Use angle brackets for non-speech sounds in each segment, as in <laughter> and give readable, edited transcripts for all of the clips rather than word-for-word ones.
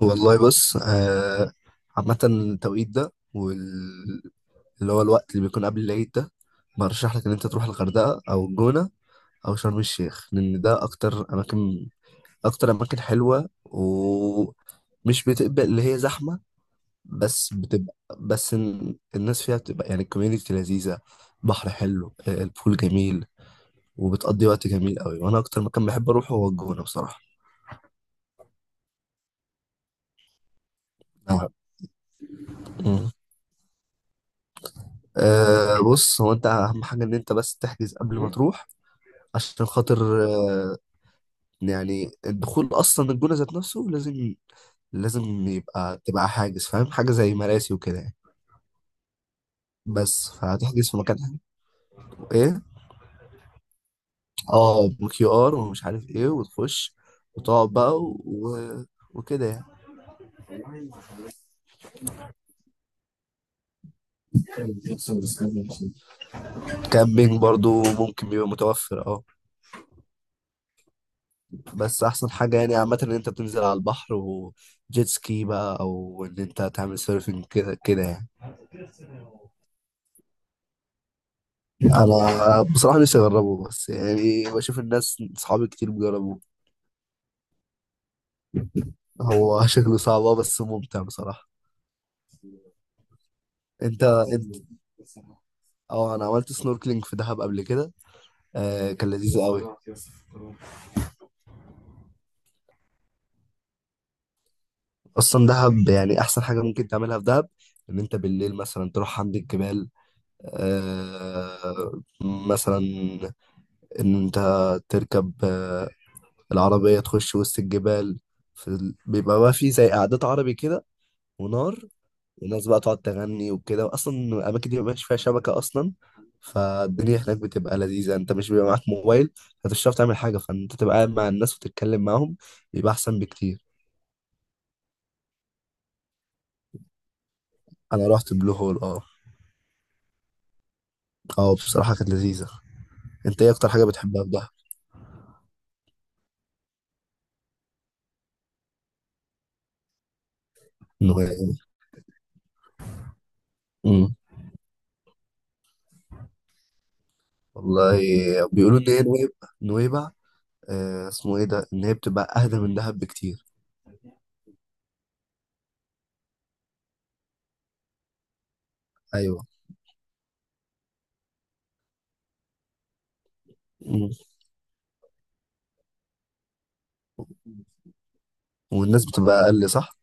والله بص آه، عامة التوقيت ده اللي هو الوقت اللي بيكون قبل العيد ده. برشح لك إن أنت تروح الغردقة أو الجونة أو شرم الشيخ، لأن ده أكتر أماكن، أكتر أماكن حلوة ومش بتبقى اللي هي زحمة. بس بتبقى بس إن- الناس فيها بتبقى يعني الكوميونيتي لذيذة، بحر حلو آه، البول جميل، وبتقضي وقت جميل قوي. وأنا أكتر مكان بحب أروحه هو الجونة بصراحة. نعم. أه بص، هو انت اهم حاجه ان انت بس تحجز قبل ما تروح، عشان خاطر يعني الدخول اصلا الجونه ذات نفسه لازم. لازم تبقى حاجز، فاهم، حاجه زي مراسي وكده يعني. بس فهتحجز في مكان ايه. اه بكيو ار ومش عارف ايه وتخش وتقعد بقى وكده يعني. كامبينج برضو ممكن، بيبقى متوفر اه. بس احسن حاجه يعني عامه ان انت تنزل على البحر وجيت سكي بقى، او ان انت تعمل سيرفنج كده كده يعني. انا بصراحه نفسي اجربه، بس يعني بشوف الناس صحابي كتير بيجربوه. هو <laughs> شكله صعب آه، بس ممتع بصراحه. انت انت اه انا عملت سنوركلينج في دهب قبل كده. آه كان لذيذ قوي. اصلا دهب يعني احسن حاجه ممكن تعملها في دهب ان انت بالليل مثلا تروح عند الجبال. آه مثلا ان انت تركب آه، العربية، تخش وسط الجبال. بيبقى بقى في زي قعدات عربي كده، ونار، وناس بقى تقعد تغني وكده. واصلا الاماكن دي مبيبقاش فيها شبكة اصلا، فالدنيا هناك بتبقى لذيذة. انت مش بيبقى معاك موبايل، فمش هتعرف تعمل حاجة، فانت تبقى قاعد مع الناس وتتكلم معاهم. بيبقى احسن بكتير. انا رحت بلو هول اه. اه بصراحة كانت لذيذة. انت ايه اكتر حاجة بتحبها في دهب؟ نويبع. امم، والله بيقولوا ان هي نويبع. نويبع آه اسمه ايه ده، ان هي بتبقى اهدى من دهب بكتير. ايوه. مم. والناس بتبقى اقل صح.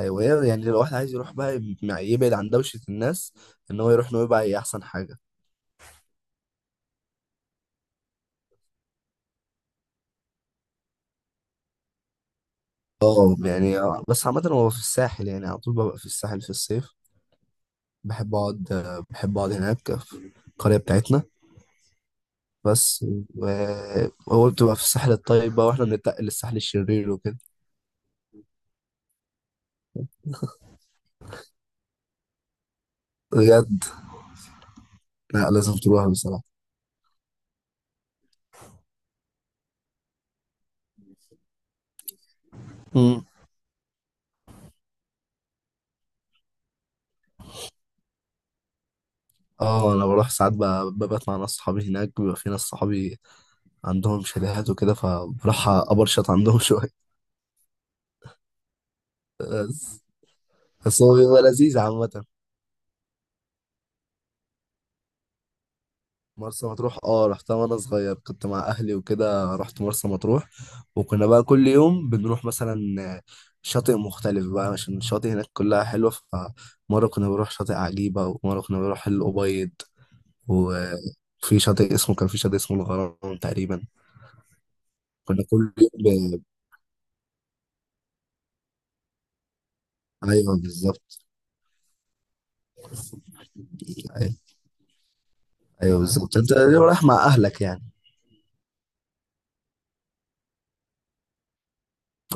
ايوه، هي يعني لو واحد عايز يروح بقى يبعد عن دوشه الناس، ان هو يروح نويبع هي احسن حاجه. اه يعني آه، بس عامه هو في الساحل، يعني على طول ببقى في الساحل في الصيف. بحب اقعد آه، بحب اقعد هناك في القريه بتاعتنا. بس هو بتبقى في الساحل الطيب بقى، واحنا بنتنقل للساحل الشرير وكده. بجد؟ لا لازم تروحها بصراحه. مم. اه انا بروح ساعات ببات مع ناس صحابي هناك، بيبقى في ناس صحابي عندهم شاليهات وكده، فبروح أبرشط عندهم <laughs> شوية. بس. بس هو بيبقى لذيذ عامة. مرسى مطروح اه رحتها وانا صغير، كنت مع اهلي وكده رحت مرسى مطروح. وكنا بقى كل يوم بنروح مثلا شاطئ مختلف بقى، عشان الشاطئ هناك كلها حلوة. فمرة كنا بنروح شاطئ عجيبة، ومرة كنا بنروح الأبيض، وفي شاطئ اسمه، كان في شاطئ اسمه الغرام تقريبا. كنا كل يوم ب... ايوه بالظبط. ايوه. أيوة بالظبط، انت رايح مع اهلك يعني.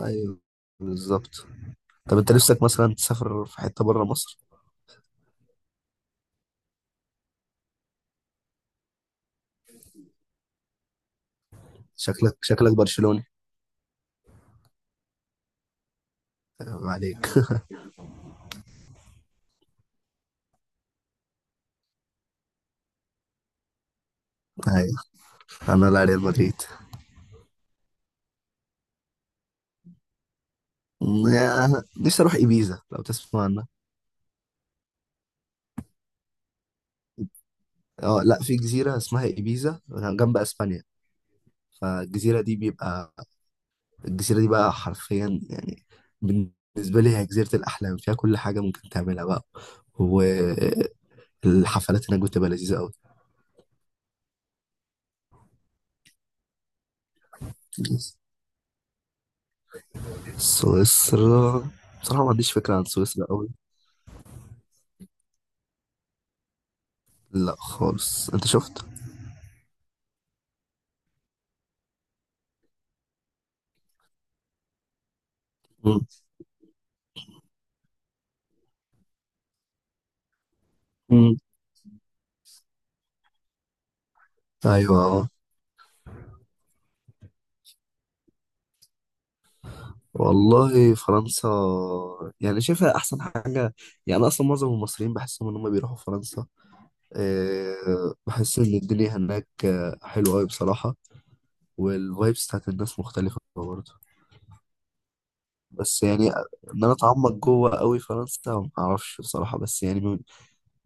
ايوه بالظبط. طب انت نفسك مثلا تسافر في حته بره مصر؟ شكلك شكلك برشلوني. عيب عليك. ايوه. انا لا، ريال مدريد. نفسي اروح ايبيزا لو تسمع عنها. اه، لا، في جزيره اسمها ايبيزا جنب اسبانيا. فالجزيره دي بيبقى الجزيره دي بقى حرفيا يعني بالنسبه لي هي جزيره الاحلام، فيها كل حاجه ممكن تعملها بقى، والحفلات هناك بتبقى لذيذه قوي. سويسرا؟ بصراحه ما عنديش فكره عن سويسرا قوي. لا خالص. انت شفت؟ مم. ايوه اه. والله فرنسا يعني شايفها احسن حاجه. يعني أنا اصلا معظم المصريين بحسهم ان هم بيروحوا فرنسا. أه بحس ان الدنيا هناك آه، حلوه قوي بصراحه. والفايبس بتاعت الناس مختلفه برضه. بس يعني ان انا اتعمق جوه قوي فرنسا ما اعرفش بصراحه، بس يعني من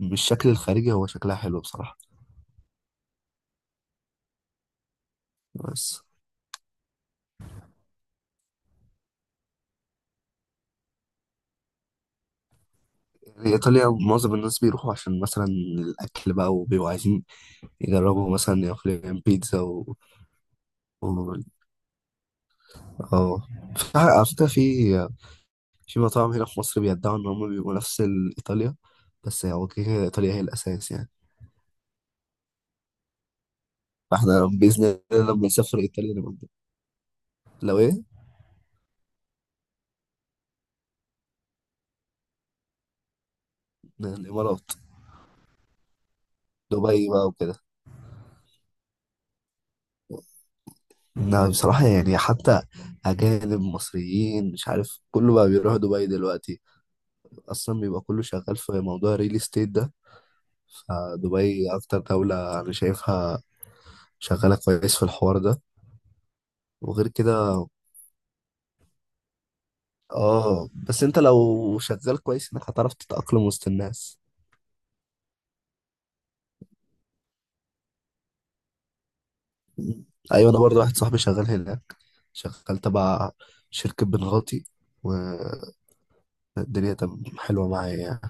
من الشكل الخارجي هو شكلها حلو بصراحه. بس يعني ايطاليا معظم الناس بيروحوا عشان مثلا الاكل بقى، وبيبقوا عايزين يجربوا مثلا ياكلوا بيتزا اه. على فكرة في في مطاعم هنا في مصر بيدعوا إن هم بيبقوا نفس إيطاليا، بس هو كده كده إيطاليا هي الأساس يعني. بإذن الله لما نسافر إيطاليا نبقى نجيب. لو إيه؟ الإمارات، دبي بقى وكده. لا بصراحة يعني حتى أجانب، مصريين، مش عارف، كله بقى بيروح دبي دلوقتي. أصلا بيبقى كله شغال في موضوع الريل استيت ده. فدبي أكتر دولة أنا شايفها شغالة كويس في الحوار ده. وغير كده اه، بس انت لو شغال كويس انك هتعرف تتأقلم وسط الناس. ايوه، انا برضه واحد صاحبي شغال هناك، شغال تبع شركة بنغاتي، والدنيا تم حلوة معايا يعني.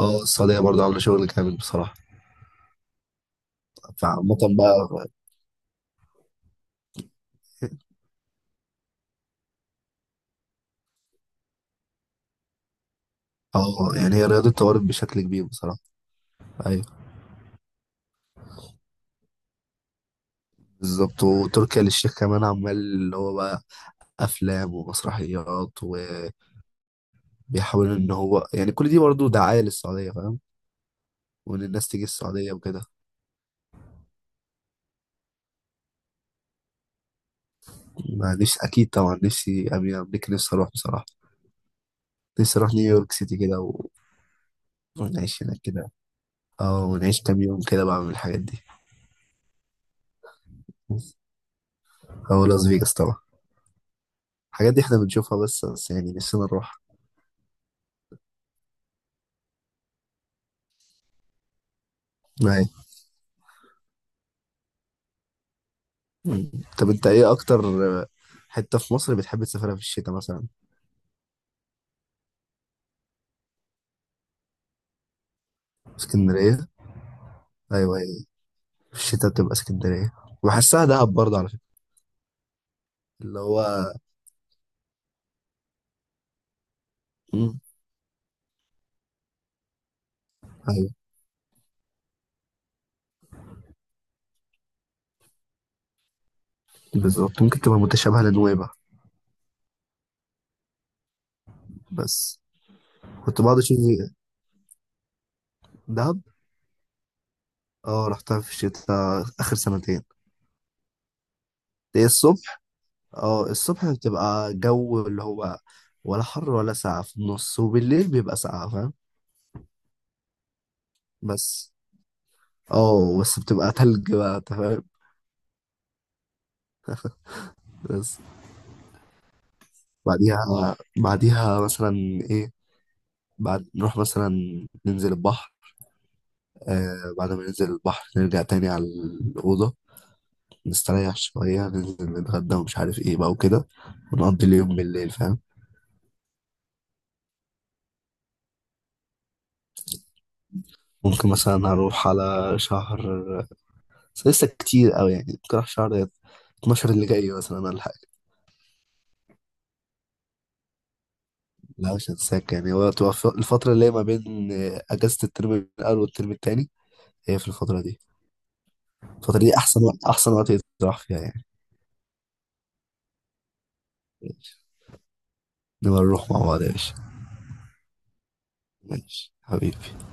اه السعودية برضه عاملة شغل جامد بصراحة. فعامة بقى اه، يعني هي الرياضة اتطورت بشكل كبير بصراحة. ايوه بالظبط. وتركيا للشيخ كمان عمال اللي هو بقى افلام ومسرحيات، وبيحاول ان هو يعني كل دي برضه دعاية للسعودية، فاهم، وان الناس تيجي السعودية وكده. ما نفسي أكيد طبعا، نفسي أمين أمريكا، نفسي أروح بصراحة. نفسي أروح نيويورك سيتي كده ونعيش هناك كده. أه ونعيش كام يوم كده بعمل الحاجات دي. أو لاس فيجاس طبعا. الحاجات دي إحنا بنشوفها بس، يعني نفسنا نروح. أيوة. مم. طب أنت إيه أكتر آه، حتة في مصر بتحب تسافرها في الشتاء مثلا؟ اسكندرية؟ أيوة أيوة، في الشتاء بتبقى اسكندرية. وبحسها دهب برضه على فكرة، اللي هو. مم. أيوة بالظبط، ممكن تبقى متشابهة لنويبع. بس كنت بقعد أشوف دهب. اه رحتها في الشتاء اخر سنتين. هي الصبح، اه الصبح بتبقى جو اللي هو ولا حر ولا ساقعة في النص، وبالليل بيبقى ساقعة فاهم. بس اه بس بتبقى تلج بقى أنت فاهم. بس بعديها، بعديها مثلا ايه بعد نروح مثلا ننزل البحر آه. بعد ما ننزل البحر نرجع تاني على الأوضة، نستريح شوية، ننزل نتغدى ومش عارف ايه بقى وكده، ونقضي اليوم بالليل فاهم. ممكن مثلا أروح على شهر، بس لسه كتير قوي يعني. ممكن اروح شهر 12 اللي جاي مثلا ولا حاجه. لا مش هتساك يعني. هو تبقى الفتره اللي هي ما بين آه، اجازه الترم الاول والترم التاني، هي في الفتره دي. الفتره دي احسن وقت يتراح فيها يعني. ماشي. نبقى نروح مع بعض يا باشا. ماشي حبيبي.